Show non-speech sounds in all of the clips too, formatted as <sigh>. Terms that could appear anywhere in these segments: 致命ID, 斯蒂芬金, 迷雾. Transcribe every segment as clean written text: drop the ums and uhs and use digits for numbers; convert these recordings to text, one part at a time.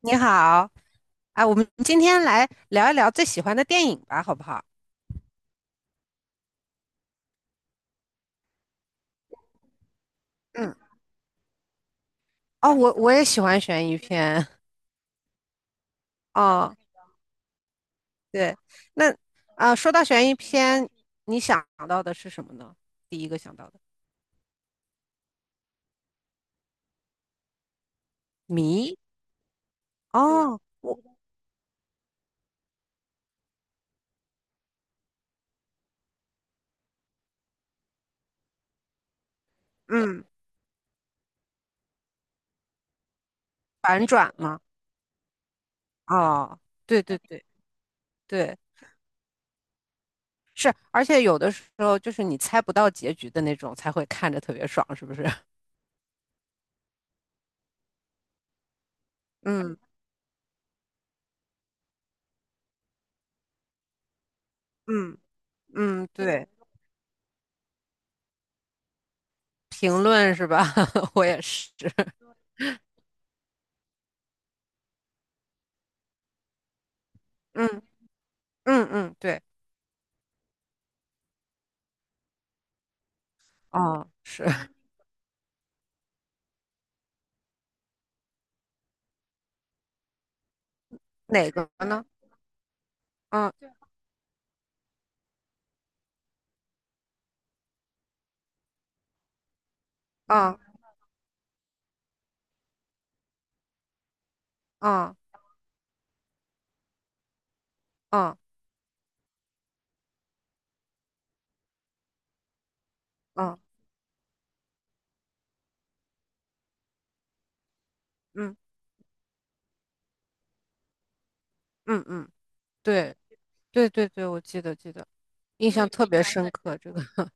你好。啊，我们今天来聊一聊最喜欢的电影吧，好不好？嗯。哦，我也喜欢悬疑片。<laughs> 哦，对。那，啊，说到悬疑片，你想到的是什么呢？第一个想到的，谜。哦，我。嗯，反转吗？哦，对对对。对，是，而且有的时候就是你猜不到结局的那种，才会看着特别爽，是不是？<laughs> 嗯嗯嗯，对，评论是吧？<laughs> 我也是。<laughs> 嗯。嗯嗯，对。哦，是。 <laughs> 哪个呢？嗯嗯嗯嗯嗯嗯嗯嗯，对对对对，我记得记得。印象特别深刻这个。<laughs>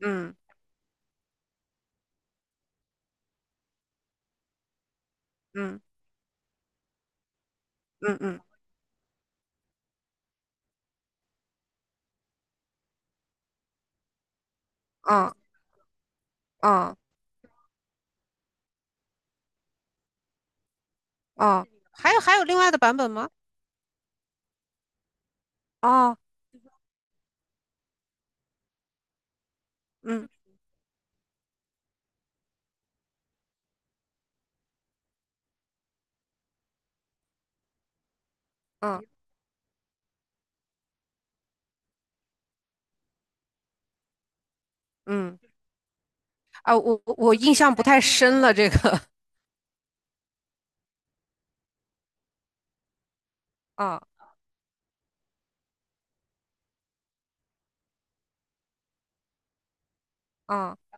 嗯嗯嗯嗯，啊啊啊，还有还有另外的版本吗？哦，嗯嗯嗯。啊，我印象不太深了这个。<laughs> 啊啊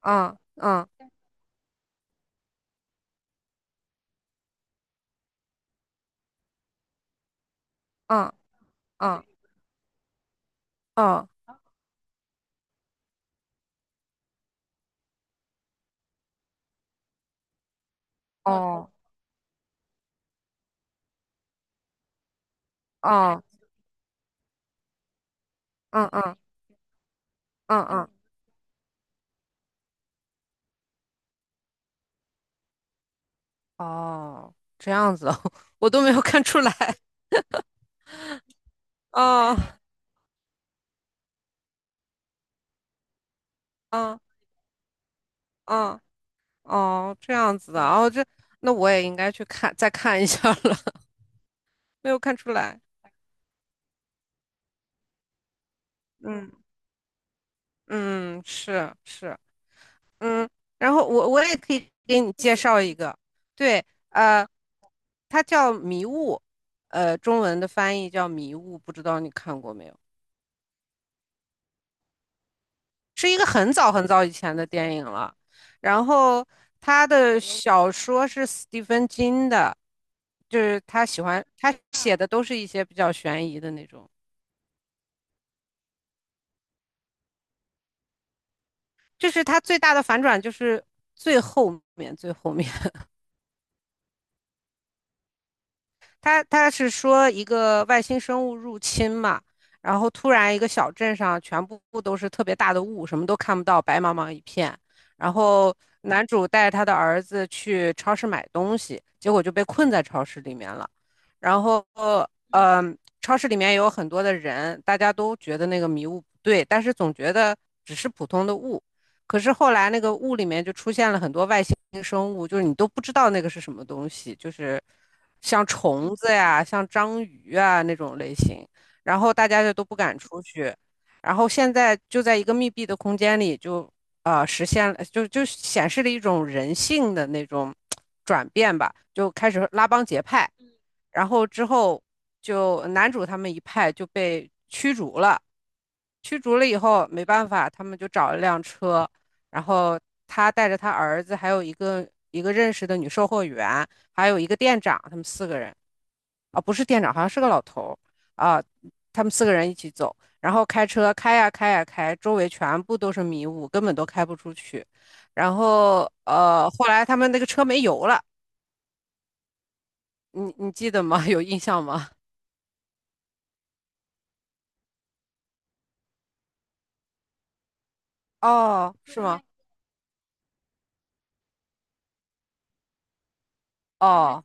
啊啊啊啊啊，哦哦哦，嗯嗯嗯嗯，哦，这样子哦，<laughs> 我都没有看出来。哦，哦，哦，哦，这样子的。哦，这。那我也应该去看，再看一下了。<laughs> 没有看出来。嗯嗯，是是，嗯。然后我也可以给你介绍一个。对。呃，它叫《迷雾》，中文的翻译叫《迷雾》，不知道你看过没有？是一个很早很早以前的电影了。然后他的小说是斯蒂芬金的，就是他喜欢他写的都是一些比较悬疑的那种。就是他最大的反转就是最后面最后面，他是说一个外星生物入侵嘛。然后突然一个小镇上全部都是特别大的雾，什么都看不到，白茫茫一片。然后男主带着他的儿子去超市买东西，结果就被困在超市里面了。然后呃，超市里面有很多的人，大家都觉得那个迷雾不对，但是总觉得只是普通的雾。可是后来那个雾里面就出现了很多外星生物，就是你都不知道那个是什么东西，就是像虫子呀、像章鱼啊那种类型。然后大家就都不敢出去，然后现在就在一个密闭的空间里就，实现了，就显示了一种人性的那种转变吧，就开始拉帮结派。然后之后就男主他们一派就被驱逐了，驱逐了以后没办法，他们就找了辆车。然后他带着他儿子，还有一个认识的女售货员，还有一个店长，他们四个人啊，不是店长，好像是个老头儿啊，他们四个人一起走，然后开车开呀开呀开，周围全部都是迷雾，根本都开不出去。然后后来他们那个车没油了。你记得吗？<laughs> 有印象吗？哦，是吗？哦，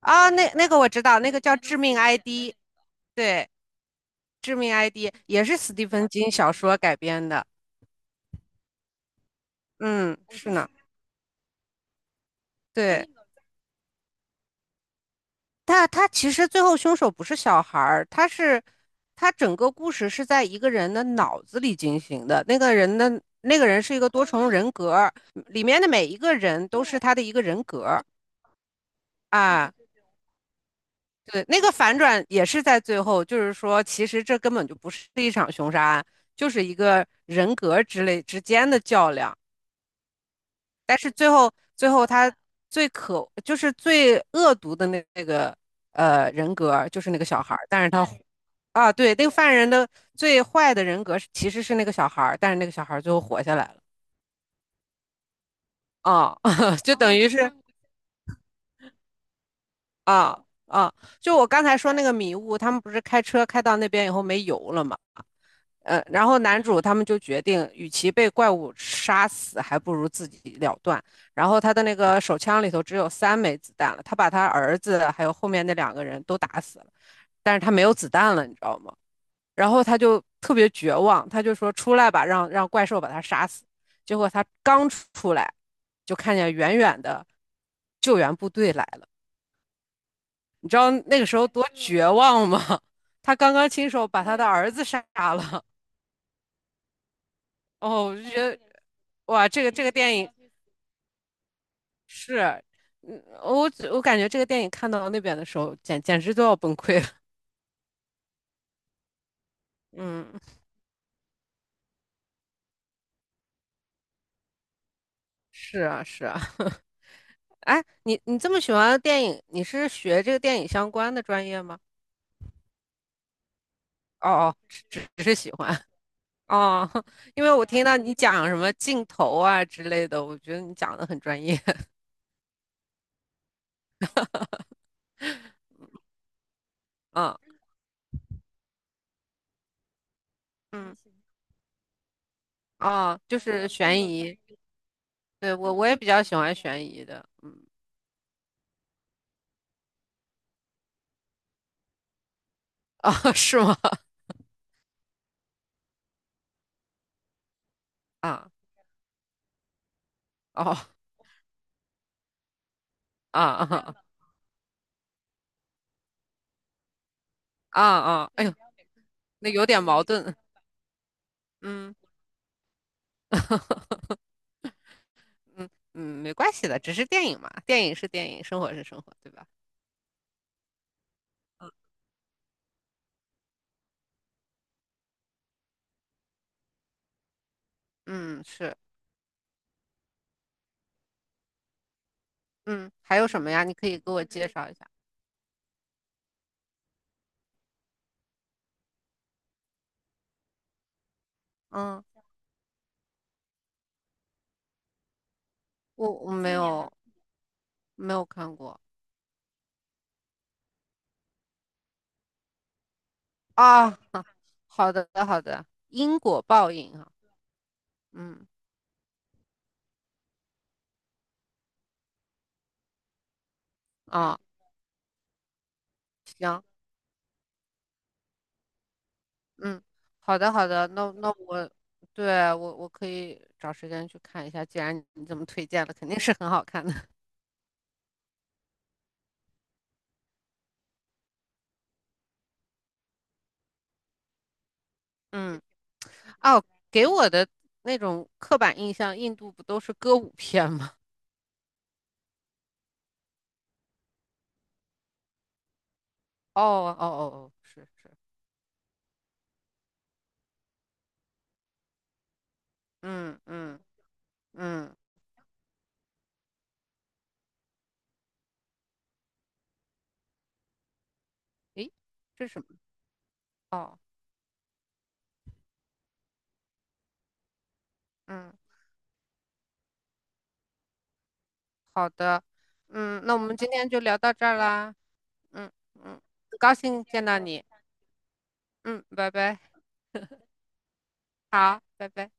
啊，那个我知道，那个叫致命 ID。对，致命 ID》也是斯蒂芬金小说改编的。嗯，是呢。对，但他其实最后凶手不是小孩儿。他整个故事是在一个人的脑子里进行的。那个人是一个多重人格，里面的每一个人都是他的一个人格啊。对，那个反转也是在最后，就是说，其实这根本就不是一场凶杀案，就是一个人格之类之间的较量。但是最后最后他就是最恶毒的那个人格就是那个小孩儿。但是他啊，对。那个犯人的最坏的人格其实是那个小孩儿，但是那个小孩儿最后活下来了啊。<laughs> 就等于是。啊啊，就我刚才说那个迷雾，他们不是开车开到那边以后没油了吗？然后男主他们就决定，与其被怪物杀死，还不如自己了断。然后他的那个手枪里头只有三枚子弹了，他把他儿子还有后面那两个人都打死了，但是他没有子弹了，你知道吗？然后他就特别绝望，他就说出来吧，让怪兽把他杀死。结果他刚出来，就看见远远的救援部队来了，你知道那个时候多绝望吗？<laughs> 他刚刚亲手把他的儿子杀了。哦，我就觉得。哇，这个电影是，嗯，我感觉这个电影看到那边的时候，简直都要崩溃了。嗯，是啊，是啊。<laughs> 哎，你这么喜欢电影，你是学这个电影相关的专业吗？哦哦，只是喜欢。哦，<laughs> 因为我听到你讲什么镜头啊之类的，我觉得你讲的很专业。<laughs> 嗯嗯。哦，就是悬疑。对，我也比较喜欢悬疑的。嗯。<laughs> 哦，是吗？啊，哦，啊啊啊啊！哎呦，那有点矛盾。嗯嗯嗯，没关系的，只是电影嘛，电影是电影，生活是生活，对吧？嗯，是。嗯，还有什么呀？你可以给我介绍一下。嗯，我没有没有看过啊。好的好的，因果报应啊。嗯，啊，行。嗯，好的好的，那我。对，我可以找时间去看一下。既然你这么推荐了，肯定是很好看的。<laughs> 嗯。哦，给我的那种刻板印象，印度不都是歌舞片吗？<laughs> 哦哦哦哦，是是，嗯嗯嗯，诶，这是什么？哦，嗯，好的。嗯，那我们今天就聊到这儿啦。嗯嗯，很高兴见到你。嗯，拜拜。好，拜拜。